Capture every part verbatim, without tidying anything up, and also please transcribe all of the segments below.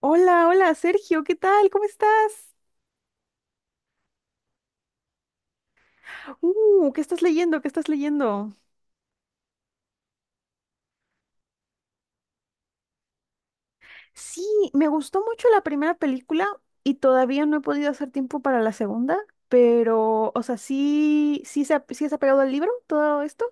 Hola, hola, Sergio, ¿qué tal? ¿Cómo estás? Uh, ¿qué estás leyendo? ¿Qué estás leyendo? Sí, me gustó mucho la primera película y todavía no he podido hacer tiempo para la segunda, pero, o sea, sí, sí, se, ha- sí se ha pegado al libro todo esto.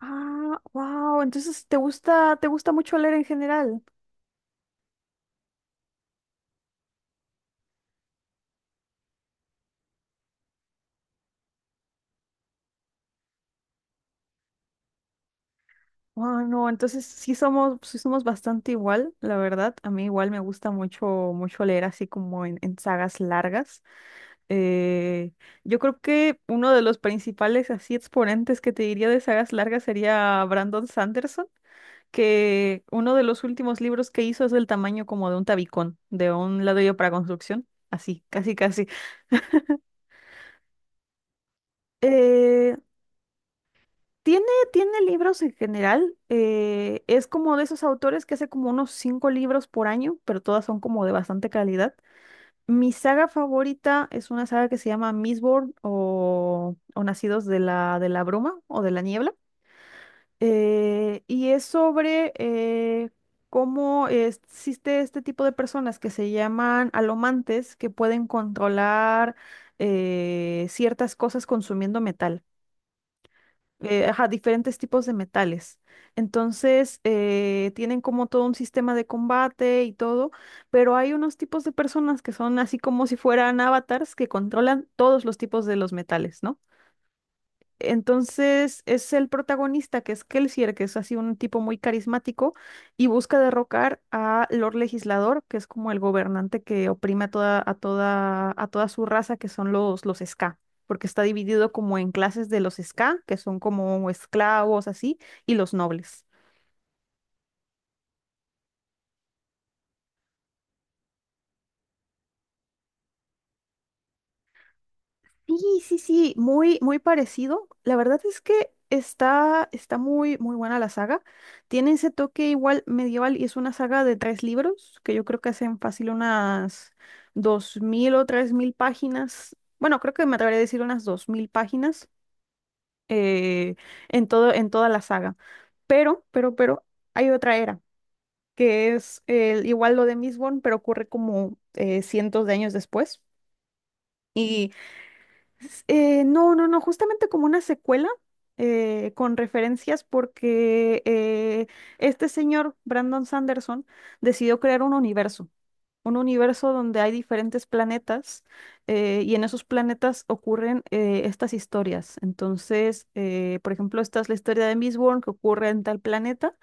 Ah, wow, entonces te gusta, te gusta mucho leer en general. Wow, no, entonces sí somos, sí somos bastante igual, la verdad. A mí igual me gusta mucho, mucho leer así como en en sagas largas. Eh, yo creo que uno de los principales así exponentes que te diría de sagas largas sería Brandon Sanderson, que uno de los últimos libros que hizo es del tamaño como de un tabicón, de un ladrillo para construcción, así, casi, casi. Eh, tiene, tiene libros en general, eh, es como de esos autores que hace como unos cinco libros por año, pero todas son como de bastante calidad. Mi saga favorita es una saga que se llama Mistborn o, o Nacidos de la, de la Bruma o de la Niebla. Eh, y es sobre eh, cómo existe este tipo de personas que se llaman alomantes que pueden controlar eh, ciertas cosas consumiendo metal. Eh, ajá, diferentes tipos de metales. Entonces, eh, tienen como todo un sistema de combate y todo, pero hay unos tipos de personas que son así como si fueran avatars que controlan todos los tipos de los metales, ¿no? Entonces es el protagonista, que es Kelsier, que es así un tipo muy carismático, y busca derrocar a Lord Legislador, que es como el gobernante que oprime a toda, a toda, a toda su raza, que son los, los Ska, porque está dividido como en clases de los Ska, que son como esclavos, así, y los nobles. Sí, sí, sí, muy, muy parecido. La verdad es que está, está muy, muy buena la saga. Tiene ese toque igual medieval y es una saga de tres libros que yo creo que hacen fácil unas dos mil o tres mil páginas. Bueno, creo que me atrevería a decir unas dos mil páginas eh, en todo, en toda la saga. Pero, pero, pero hay otra era que es eh, igual lo de Mistborn, pero ocurre como eh, cientos de años después. Eh, no, no, no, justamente como una secuela eh, con referencias porque eh, este señor, Brandon Sanderson, decidió crear un universo, un universo donde hay diferentes planetas, eh, y en esos planetas ocurren eh, estas historias. Entonces, eh, por ejemplo, esta es la historia de Mistborn que ocurre en tal planeta,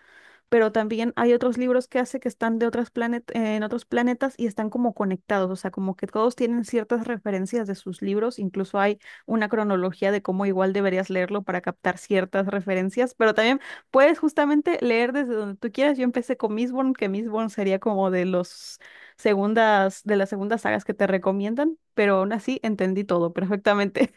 pero también hay otros libros que hace que están de otras planet en otros planetas y están como conectados, o sea, como que todos tienen ciertas referencias de sus libros. Incluso hay una cronología de cómo igual deberías leerlo para captar ciertas referencias, pero también puedes justamente leer desde donde tú quieras. Yo empecé con Mistborn, que Mistborn sería como de los segundas, de las segundas sagas que te recomiendan, pero aún así entendí todo perfectamente.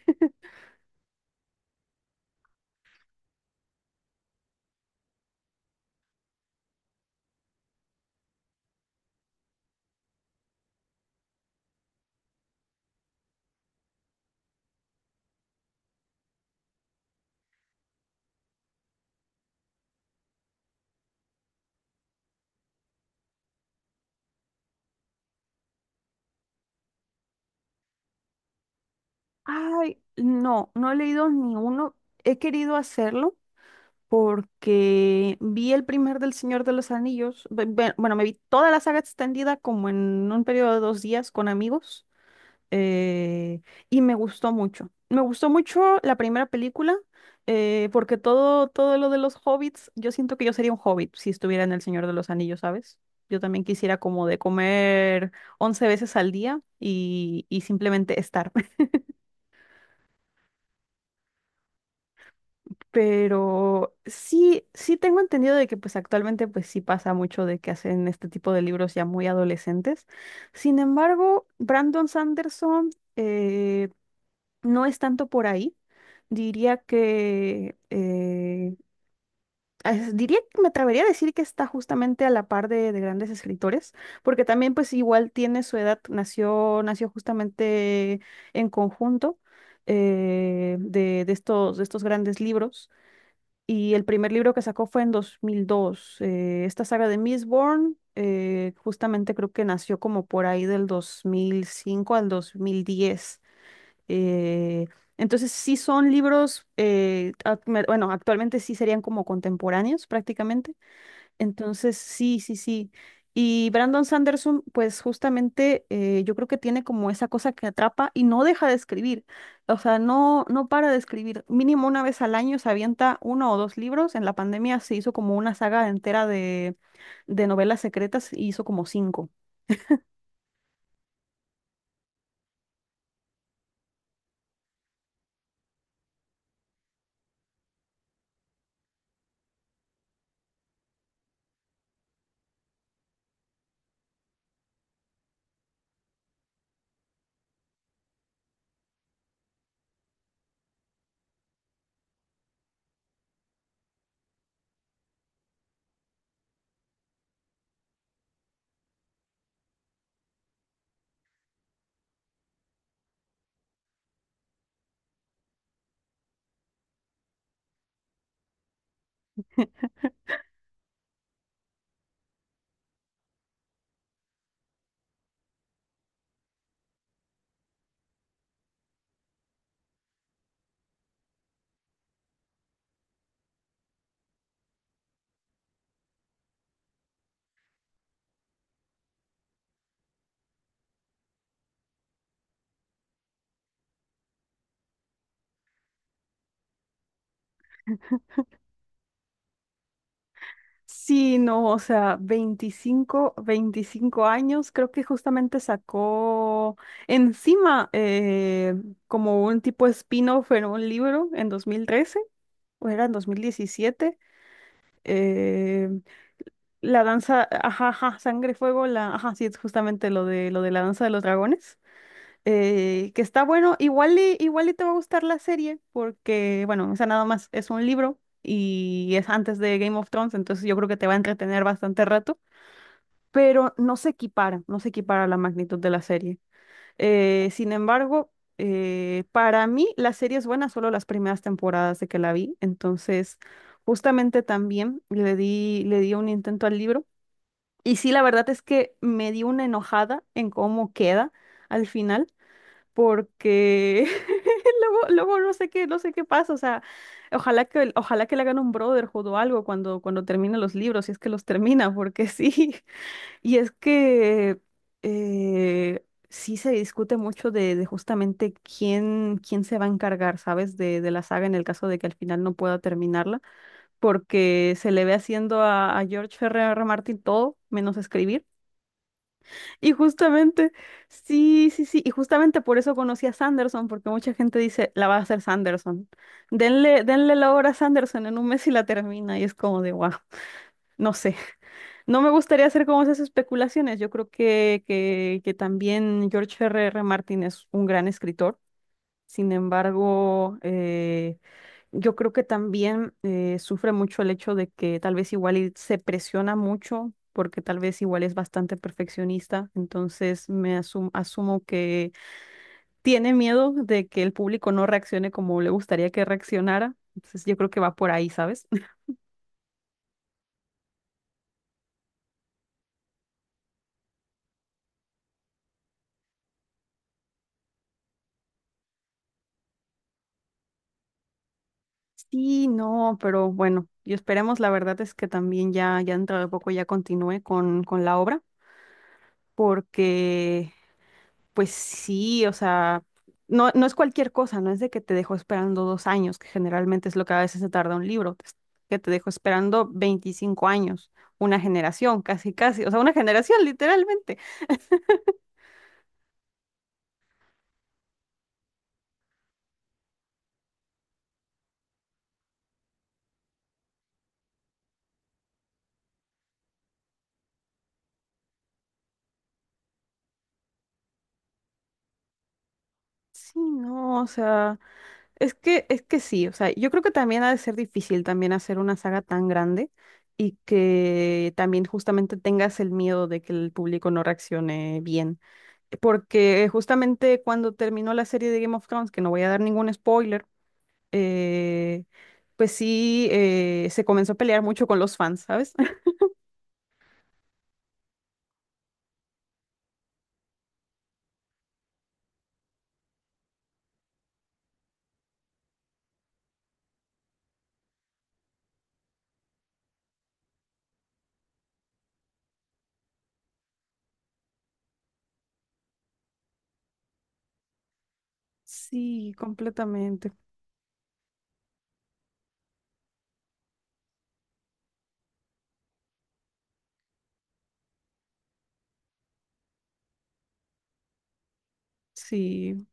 Ay, no, no he leído ni uno. He querido hacerlo porque vi el primer del Señor de los Anillos, be- be- bueno, me vi toda la saga extendida como en un periodo de dos días con amigos, eh, y me gustó mucho. Me gustó mucho la primera película, eh, porque todo, todo lo de los hobbits, yo siento que yo sería un hobbit si estuviera en el Señor de los Anillos, ¿sabes? Yo también quisiera como de comer once veces al día y, y simplemente estar. Pero sí, sí tengo entendido de que pues actualmente pues sí pasa mucho de que hacen este tipo de libros ya muy adolescentes. Sin embargo, Brandon Sanderson eh, no es tanto por ahí. Diría que eh, es- diría que me atrevería a decir que está justamente a la par de, de, grandes escritores, porque también pues igual tiene su edad, nació, nació justamente en conjunto eh, de, de estos, de estos grandes libros. Y el primer libro que sacó fue en dos mil dos. Eh, esta saga de Mistborn, eh, justamente creo que nació como por ahí del dos mil cinco al dos mil diez. Eh, entonces sí son libros, eh, ac- me- bueno, actualmente sí serían como contemporáneos prácticamente, entonces, sí, sí, sí. Y Brandon Sanderson, pues justamente eh, yo creo que tiene como esa cosa que atrapa y no deja de escribir. O sea, no, no para de escribir. Mínimo una vez al año se avienta uno o dos libros. En la pandemia se hizo como una saga entera de, de novelas secretas y hizo como cinco. Sí, no, o sea, veinticinco veinticinco años, creo que justamente sacó encima eh, como un tipo spin-off en un libro en dos mil trece o era en dos mil diecisiete, eh, la danza, ajá, ajá, Sangre, Fuego, la, ajá, sí, es justamente lo de, lo de, la danza de los dragones, eh, que está bueno, igual y, igual y te va a gustar la serie, porque, bueno, esa nada más es un libro y es antes de Game of Thrones, entonces yo creo que te va a entretener bastante rato, pero no se equipara, no se equipara la magnitud de la serie. Eh, sin embargo, eh, para mí la serie es buena solo las primeras temporadas de que la vi, entonces justamente también le di, le di, un intento al libro y sí, la verdad es que me di una enojada en cómo queda al final, porque luego, luego no sé qué, no sé qué pasa, o sea, ojalá que, ojalá que le hagan un Brotherhood o algo cuando, cuando termine los libros, si es que los termina, porque sí. Y es que eh, sí se discute mucho de, de, justamente quién, quién se va a encargar, ¿sabes? De, de la saga en el caso de que al final no pueda terminarla, porque se le ve haciendo a, a George R R. Martin todo menos escribir. Y justamente, sí, sí, sí, y justamente por eso conocí a Sanderson, porque mucha gente dice, la va a hacer Sanderson. Denle, denle la obra a Sanderson en un mes y la termina, y es como de, wow. No sé, no me gustaría hacer como esas especulaciones. Yo creo que, que, que también George R. R. Martin es un gran escritor. Sin embargo, eh, yo creo que también eh, sufre mucho el hecho de que tal vez igual y se presiona mucho porque tal vez igual es bastante perfeccionista. Entonces me asum- asumo que tiene miedo de que el público no reaccione como le gustaría que reaccionara. Entonces yo creo que va por ahí, ¿sabes? Sí, no, pero bueno, y esperemos, la verdad es que también ya, ya dentro de poco ya continúe con, con la obra, porque pues sí, o sea, no, no es cualquier cosa, no es de que te dejo esperando dos años, que generalmente es lo que a veces se tarda un libro, es que te dejo esperando veinticinco años, una generación, casi, casi, o sea, una generación literalmente. Sí, no, o sea. Es que, es que sí, o sea, yo creo que también ha de ser difícil también hacer una saga tan grande y que también justamente tengas el miedo de que el público no reaccione bien. Porque justamente cuando terminó la serie de Game of Thrones, que no voy a dar ningún spoiler, eh, pues sí, eh, se comenzó a pelear mucho con los fans, ¿sabes? Sí, completamente. Sí.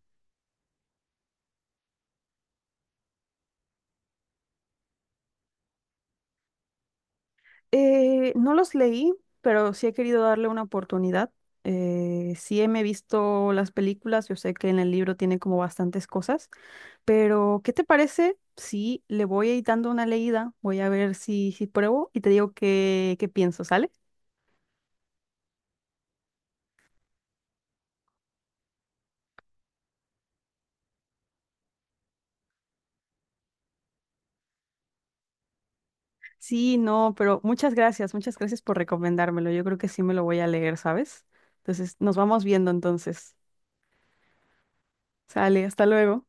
Eh, no los leí, pero sí he querido darle una oportunidad. Eh, sí me he visto las películas, yo sé que en el libro tiene como bastantes cosas, pero ¿qué te parece si le voy a ir dando una leída? Voy a ver si, si pruebo y te digo qué, qué pienso, ¿sale? Sí, no, pero muchas gracias, muchas gracias por recomendármelo. Yo creo que sí me lo voy a leer, ¿sabes? Entonces, nos vamos viendo entonces. Sale, hasta luego.